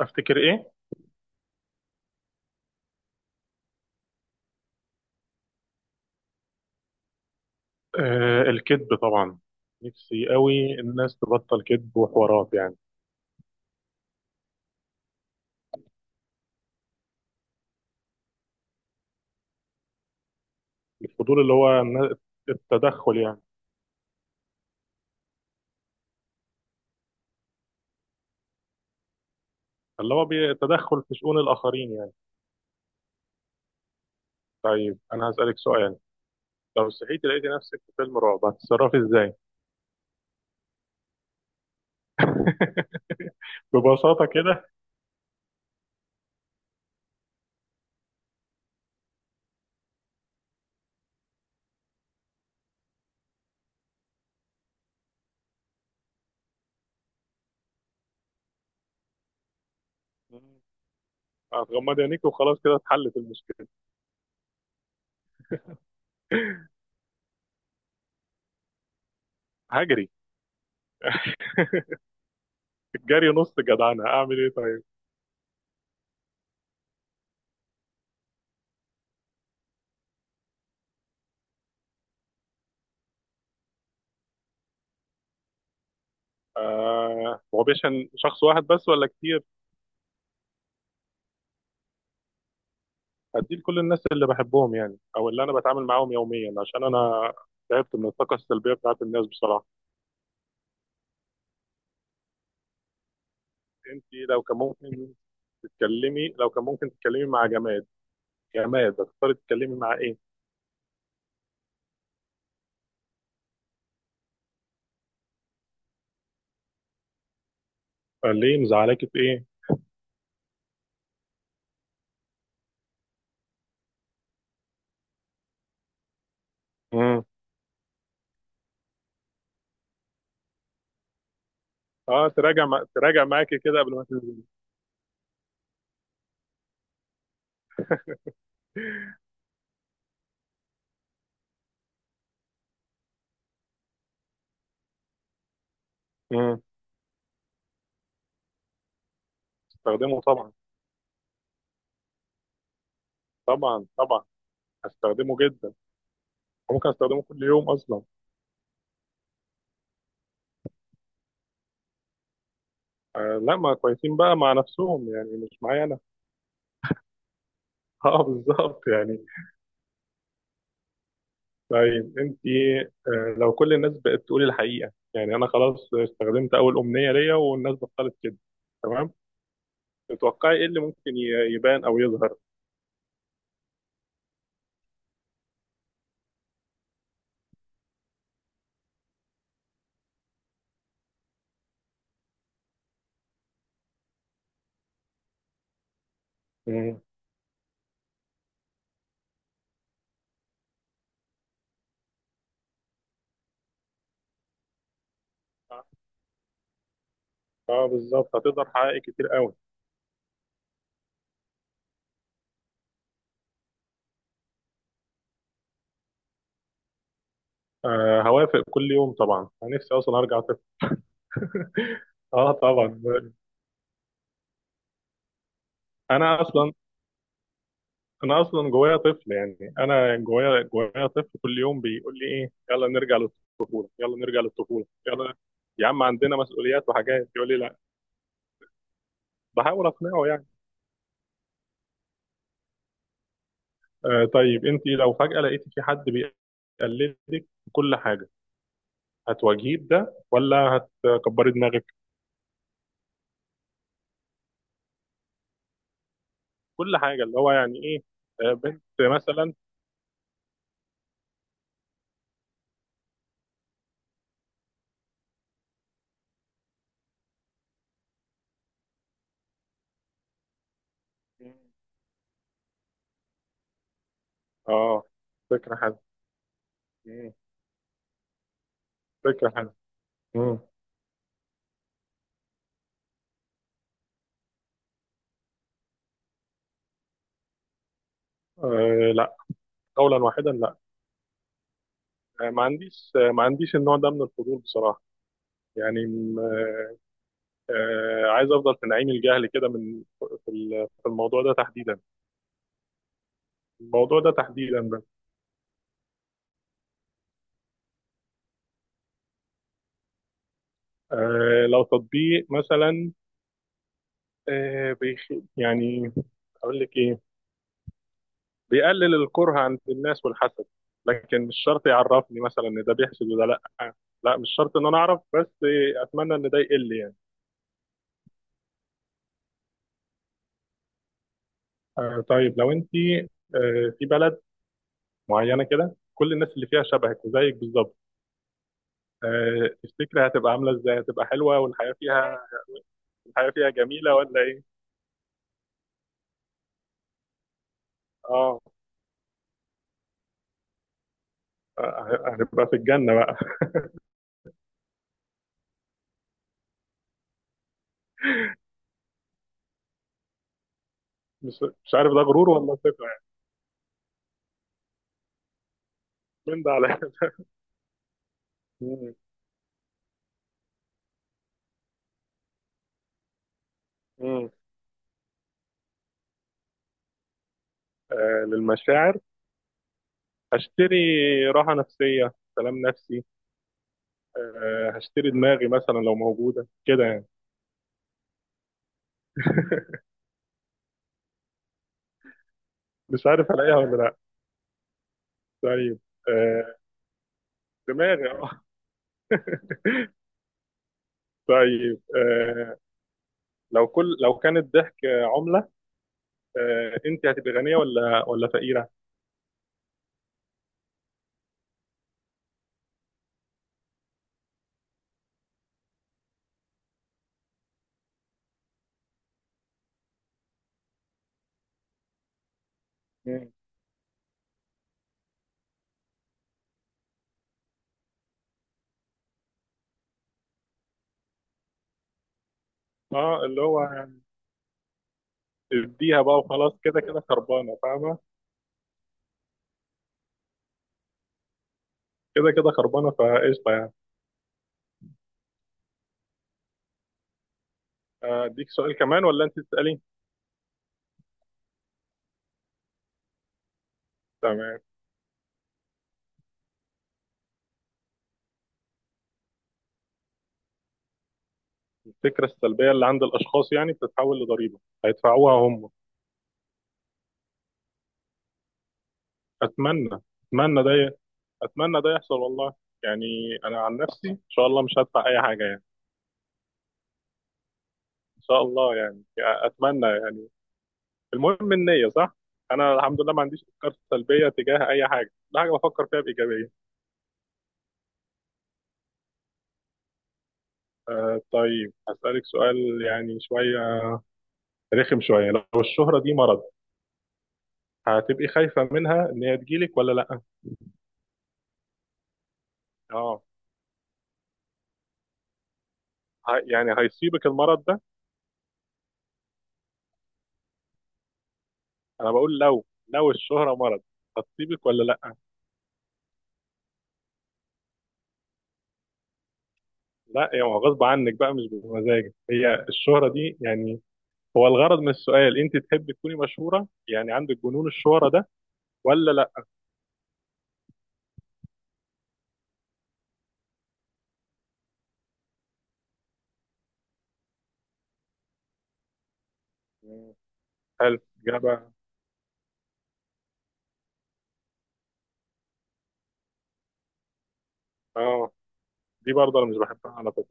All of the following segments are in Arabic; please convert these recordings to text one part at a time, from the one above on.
افتكر ايه؟ الكذب طبعا. نفسي قوي. الناس تبطل كذب وحوارات يعني. الفضول اللي هو التدخل يعني. اللي هو التدخل في شؤون الاخرين يعني. طيب انا هسألك سؤال. لو صحيتي لقيتي نفسك في فيلم رعب، هتتصرفي ازاي؟ ببساطة كده. هتغمضي عينيك وخلاص كده اتحلت المشكلة. هجري. الجري نص جدعنة، اعمل ايه طيب؟ هو بيشن شخص واحد بس ولا كتير؟ هديه لكل الناس اللي بحبهم يعني، او اللي انا بتعامل معاهم يوميا، عشان انا تعبت من الطاقه السلبيه بتاعت الناس بصراحه. انت لو كان ممكن تتكلمي، لو كان ممكن تتكلمي مع جماد، جماد هتختاري تتكلمي مع ايه؟ قال ليه، مزعلاكي في ايه؟ امم. اه تراجع مع... تراجع معاكي كده قبل ما تنزلي. امم. استخدمه طبعا. طبعا. هستخدمه جدا. ممكن استخدمه كل يوم اصلا. آه لا، ما كويسين بقى مع نفسهم يعني، مش معايا انا. اه بالظبط يعني. طيب انت، لو كل الناس بقت تقول الحقيقه، يعني انا خلاص استخدمت اول امنيه ليا والناس بطلت كده، تمام، تتوقعي ايه اللي ممكن يبان او يظهر؟ مم. اه بالظبط، هتقدر حقائق كتير قوي. آه هوافق كل يوم طبعا، انا نفسي اصلا ارجع طفل. اه طبعا. انا اصلا انا اصلا جوايا طفل، يعني انا جوايا طفل كل يوم بيقول لي ايه، يلا نرجع للطفوله، يلا نرجع للطفوله، يلا. يا عم عندنا مسؤوليات وحاجات، يقول لي لا. بحاول اقنعه. آه طيب انت لو فجأة لقيتي في حد بيقلدك في كل حاجة، هتواجهيه بده ولا هتكبري دماغك؟ في كل حاجة اللي هو يعني ايه؟ آه بنت مثلا. اه فكرة حلوة. مم. فكرة حلوة. مم. آه لا، قولا واحدا لا. آه ما عنديش النوع ده من الفضول بصراحة. يعني م- آه عايز افضل في نعيم الجهل كده من في الموضوع ده تحديدا. الموضوع ده تحديدا بس. آه لو تطبيق مثلا، آه، بيخ... يعني اقول لك ايه، بيقلل الكره عند الناس والحسد، لكن مش شرط يعرفني مثلا ان ده بيحسد وده لا. لا مش شرط ان انا اعرف، بس اتمنى ان ده يقل يعني. آه طيب لو انت في بلد معينه كده كل الناس اللي فيها شبهك وزيك بالظبط، تفتكري هتبقى عامله ازاي، هتبقى حلوه والحياه فيها، الحياه فيها جميله ولا ايه؟ اه، آه، هنبقى في الجنه بقى. مش مش عارف ده غرور ولا ثقه يعني، من ده على ده. مم. مم. آه للمشاعر، هشتري راحة نفسية، سلام نفسي، آه، هشتري دماغي مثلا لو موجودة كده يعني. مش عارف ألاقيها ولا لأ. طيب، آه، دماغي اه. طيب، لو كان الضحك عملة، آه، أنت هتبقي غنية ولا فقيرة؟ مم. اه اللي هو اديها بقى وخلاص، كده كده خربانة فاهمة؟ كده كده خربانة فقشطة يعني. آه، أديك سؤال كمان ولا أنت تسألي؟ تمام. الفكرة السلبية اللي عند الأشخاص يعني بتتحول لضريبة هيدفعوها هم. اتمنى، اتمنى ده، اتمنى ده يحصل والله. يعني انا عن نفسي ان شاء الله مش هدفع اي حاجه يعني. ان شاء الله يعني اتمنى يعني. المهم النيه صح. انا الحمد لله ما عنديش افكار سلبيه تجاه اي حاجه، كل حاجه بفكر فيها بايجابيه. آه طيب هسالك سؤال يعني شويه رخم شويه. لو الشهره دي مرض، هتبقي خايفه منها ان هي تجيلك ولا لا؟ اه يعني هيصيبك المرض ده. انا بقول لو، لو الشهره مرض، هتصيبك ولا لا؟ لا يعني هو غصب عنك بقى، مش بمزاجك هي الشهرة دي يعني. هو الغرض من السؤال، انت تحبي تكوني مشهورة يعني، عندك جنون الشهرة ده ولا لا؟ مم. حلو إجابة. اه دي برضه انا مش بحبها على فكرة.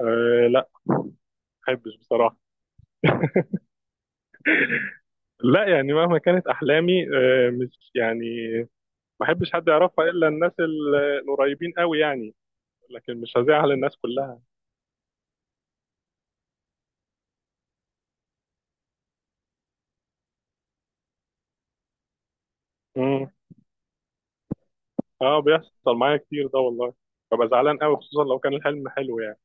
آه لا ما بحبش بصراحة. لا يعني مهما كانت احلامي، آه مش يعني، ما بحبش حد يعرفها الا الناس القريبين قوي يعني، لكن مش هزعل الناس كلها. مم. اه بيحصل معايا كتير ده والله، ببقى زعلان قوي خصوصا لو كان الحلم حلو يعني.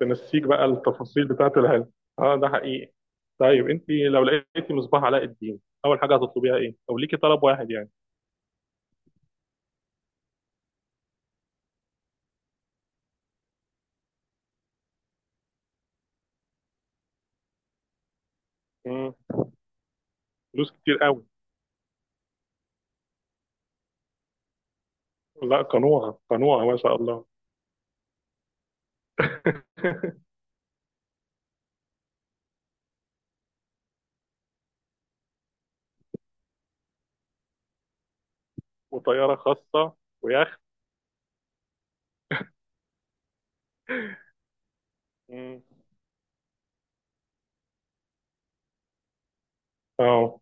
تنسيك بقى التفاصيل بتاعة العلم. اه ده حقيقي. طيب انت لو لقيتي مصباح علاء الدين، اول حاجة هتطلبيها ايه، او ليكي طلب واحد يعني؟ مم. فلوس كتير قوي. لا قنوعة قنوعة ما شاء الله. وطيارة خاصة، ويخت. مم. اه،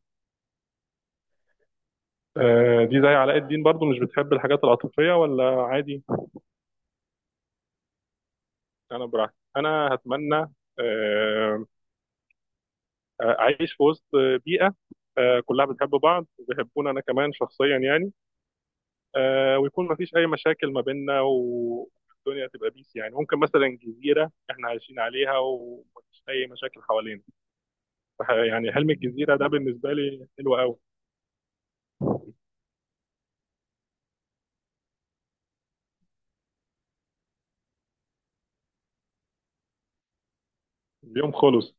آه، دي زي علاء الدين برضو، مش بتحب الحاجات العاطفية ولا عادي؟ انا براحتي انا هتمنى، آه، اعيش في وسط بيئة، آه، كلها بتحب بعض وبيحبوني انا كمان شخصيا يعني، آه ويكون ما فيش اي مشاكل ما بيننا، والدنيا تبقى بيس يعني. ممكن مثلا جزيره احنا عايشين عليها ومفيش اي مشاكل حوالينا. يعني حلم الجزيره ده بالنسبه لي حلو قوي. اليوم خلص.